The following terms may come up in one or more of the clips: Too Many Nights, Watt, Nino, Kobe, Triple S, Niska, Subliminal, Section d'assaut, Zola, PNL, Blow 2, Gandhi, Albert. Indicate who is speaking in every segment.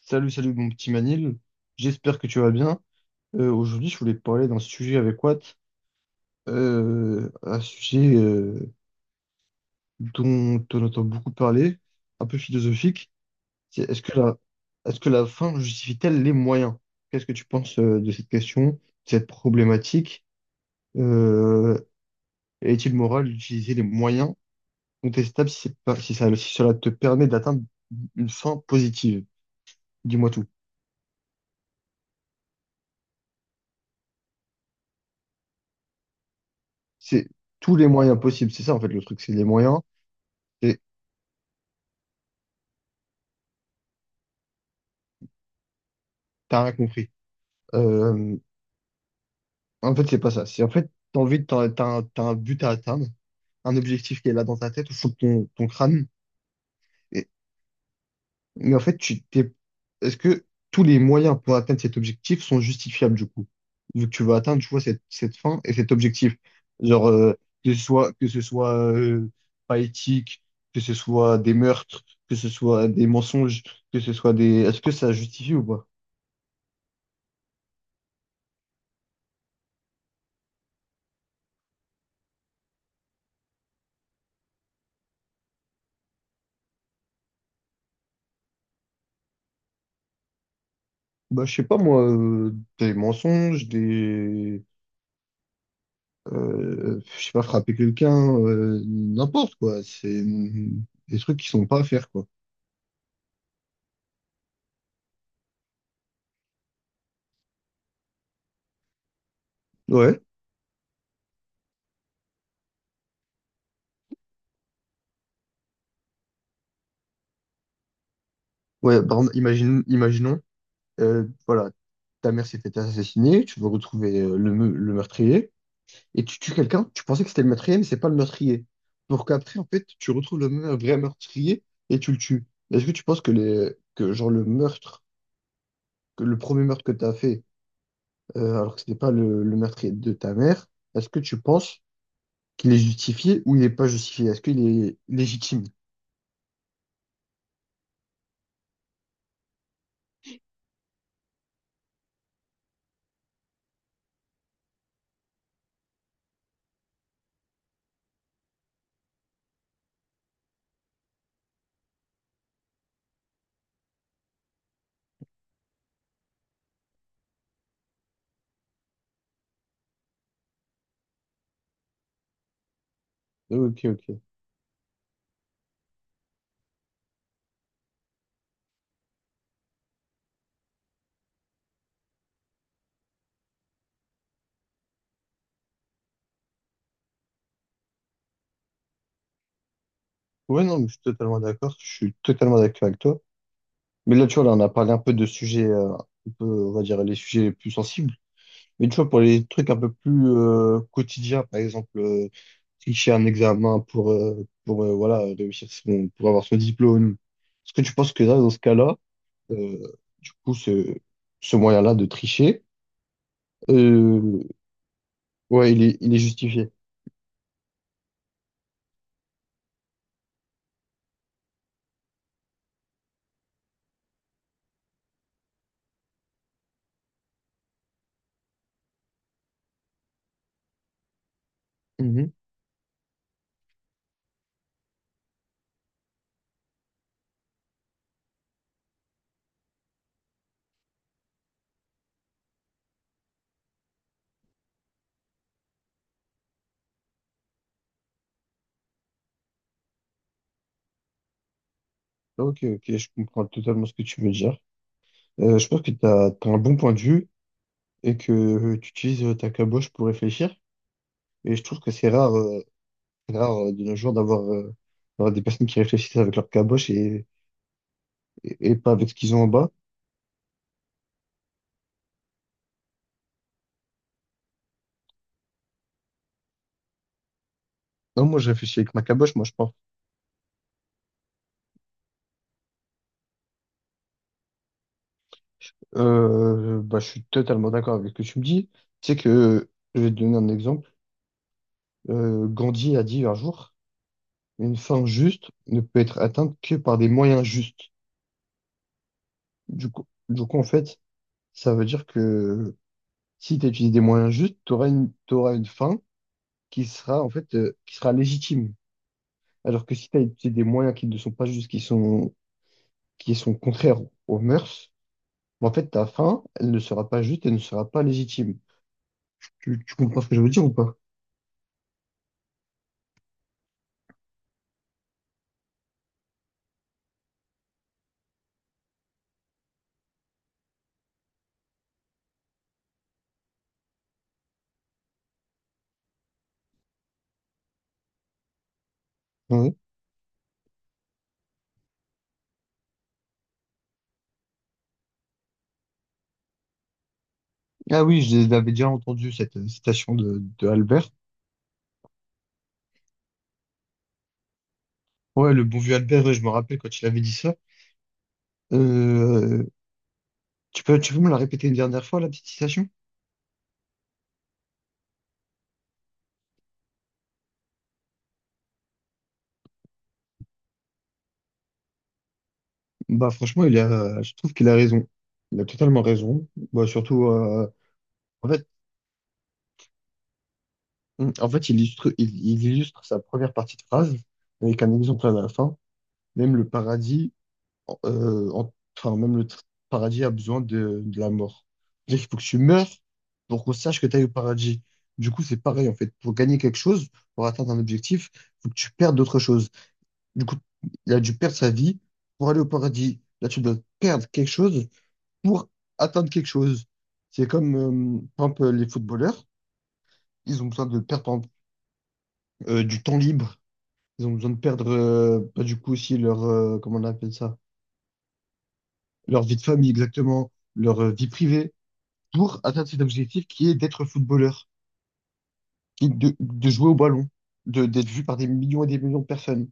Speaker 1: Salut, salut mon petit Manil, j'espère que tu vas bien. Aujourd'hui, je voulais te parler d'un sujet avec Watt, un sujet dont on entend beaucoup parler, un peu philosophique. C'est est-ce que la, Est-ce que la fin justifie-t-elle les moyens? Qu'est-ce que tu penses de cette question, de cette problématique? Euh, Est-il moral d'utiliser les moyens contestables si, c'est pas- si ça, si cela te permet d'atteindre une fin positive? Dis-moi tout. C'est tous les moyens possibles, c'est ça en fait le truc, c'est les moyens. T'as rien compris. Euh, En fait, c'est pas ça. C'est en fait, t'as envie de, t'as, t'as un but à atteindre, un objectif qui est là dans ta tête, au fond de ton crâne. Et- mais en fait, est-ce que tous les moyens pour atteindre cet objectif sont justifiables du coup? Vu que tu veux atteindre, tu vois, cette fin et cet objectif. Genre, que ce soit pas éthique, que ce soit des meurtres, que ce soit des mensonges, que ce soit des... Est-ce que ça justifie ou pas? Bah, je sais pas, moi, des mensonges, des... je sais pas, frapper quelqu'un, n'importe quoi. Des trucs qui sont pas à faire, quoi. Ouais, ouais, par exemple, imaginons, voilà, ta mère s'est fait assassiner, tu veux retrouver le meurtrier, et tu tues quelqu'un, tu pensais que c'était le meurtrier, mais c'est pas le meurtrier. Pour qu'après, en fait, tu retrouves le vrai meurtrier et tu le tues. Est-ce que tu penses que, que genre, que le premier meurtre que tu as fait, alors que c'était pas le meurtrier de ta mère, est-ce que tu penses qu'il est justifié ou il n'est pas justifié? Est-ce qu'il est légitime? Ok, ok. Ouais, non, mais je suis totalement d'accord. Je suis totalement d'accord avec toi. Mais là, tu vois, là, on a parlé un peu de sujets, un peu, on va dire, les sujets les plus sensibles. Mais tu vois, pour les trucs un peu plus quotidiens, par exemple, tricher un examen pour voilà, pour avoir son diplôme. Est-ce que tu penses que là, dans ce cas-là, euh, du coup, ce moyen-là de tricher, euh, ouais, il est justifié? Ok, ok, je comprends totalement ce que tu veux dire. Je pense que tu as un bon point de vue et que tu utilises ta caboche pour réfléchir. Et je trouve que c'est rare de nos jours d'avoir d'avoir des personnes qui réfléchissent avec leur caboche et pas avec ce qu'ils ont en bas. Non, moi, je réfléchis avec ma caboche, moi, je pense. Bah, je suis totalement d'accord avec ce que tu me dis. Tu sais que je vais te donner un exemple. Gandhi a dit un jour, une fin juste ne peut être atteinte que par des moyens justes. Du coup, en fait, ça veut dire que si tu utilises des moyens justes, t'auras une fin qui sera en fait qui sera légitime. Alors que si tu as utilisé des moyens qui ne sont pas justes, qui sont contraires aux mœurs, bah, en fait ta fin, elle ne sera pas juste, elle ne sera pas légitime. Tu comprends ce que je veux dire ou pas? Ouais. Ah oui, je l'avais déjà entendu cette citation de Albert. Ouais, le bon vieux Albert, ouais, je me rappelle quand il avait dit ça. Euh, tu peux me la répéter une dernière fois, la petite citation? Bah franchement, je trouve qu'il a raison. Il a totalement raison. Bah surtout, en fait, en fait, il illustre sa première partie de phrase avec un exemple à la fin. Même le paradis euh, en- enfin, même le paradis a besoin de la mort. C'est-à-dire qu'il faut que tu meurs pour qu'on sache que tu es au paradis. Du coup, c'est pareil, en fait. Pour gagner quelque chose, pour atteindre un objectif, il faut que tu perdes d'autres choses. Du coup, il a dû perdre sa vie pour aller au paradis. Là, tu dois perdre quelque chose pour atteindre quelque chose. C'est comme, par exemple, les footballeurs, ils ont besoin de perdre, par exemple, du temps libre. Ils ont besoin de perdre, bah, du coup, aussi leur, comment on appelle ça, leur vie de famille, exactement, leur vie privée, pour atteindre cet objectif qui est d'être footballeur, qui est de jouer au ballon, de, d'être vu par des millions et des millions de personnes.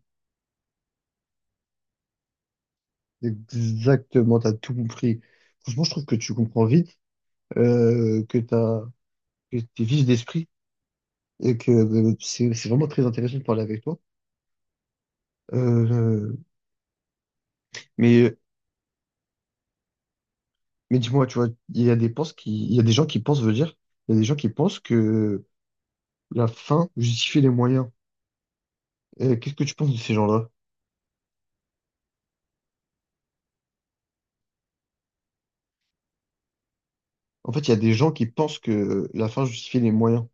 Speaker 1: Exactement, t'as tout compris. Franchement, je trouve que tu comprends vite, euh, que t'as, que t'es vif d'esprit et que c'est vraiment très intéressant de parler avec toi. Euh, mais, mais dis-moi, tu vois, il y a des gens qui pensent, veut dire, il y a des gens qui pensent que la fin justifie les moyens. Qu'est-ce que tu penses de ces gens-là? En fait, il y a des gens qui pensent que la fin justifie les moyens.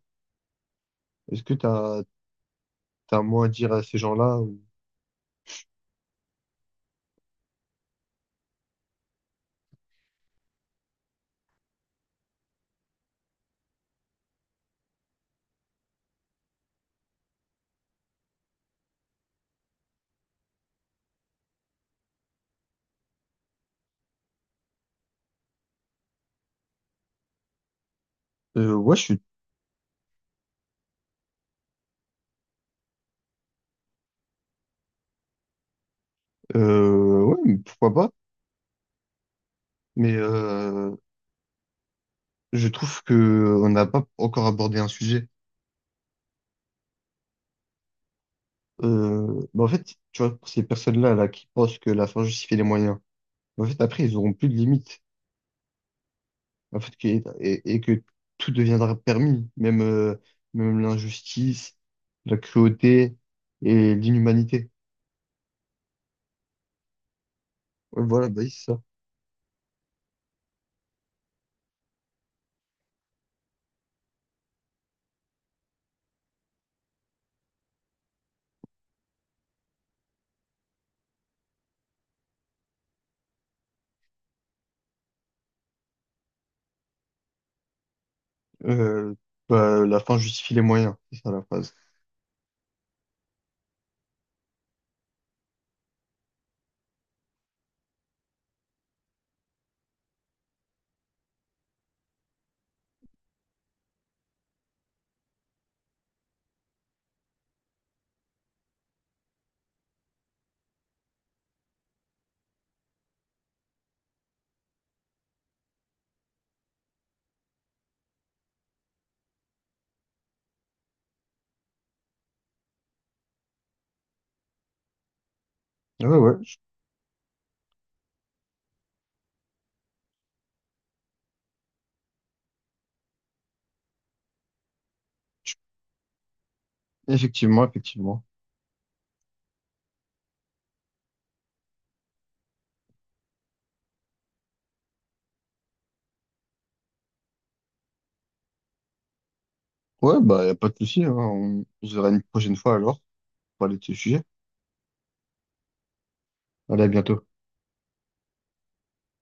Speaker 1: Est-ce que t'as t'as moins à dire à ces gens-là. Euh, ouais, je suis, ouais, mais pourquoi pas. Mais je trouve que on n'a pas encore abordé un sujet. Bah en fait, tu vois, pour ces personnes-là là qui pensent que la fin justifie les moyens, bah, en fait, après, ils auront plus de limites. En fait, que- et que tout deviendra permis, même même l'injustice, la cruauté et l'inhumanité. Ouais, voilà, bah oui, c'est ça. Euh, bah, la fin justifie les moyens, c'est ça la phrase. Ouais, ouais, effectivement, effectivement. Ouais, bah, y a pas de souci, hein. On se verra une prochaine fois alors pour parler de ce sujet. Allez, à bientôt.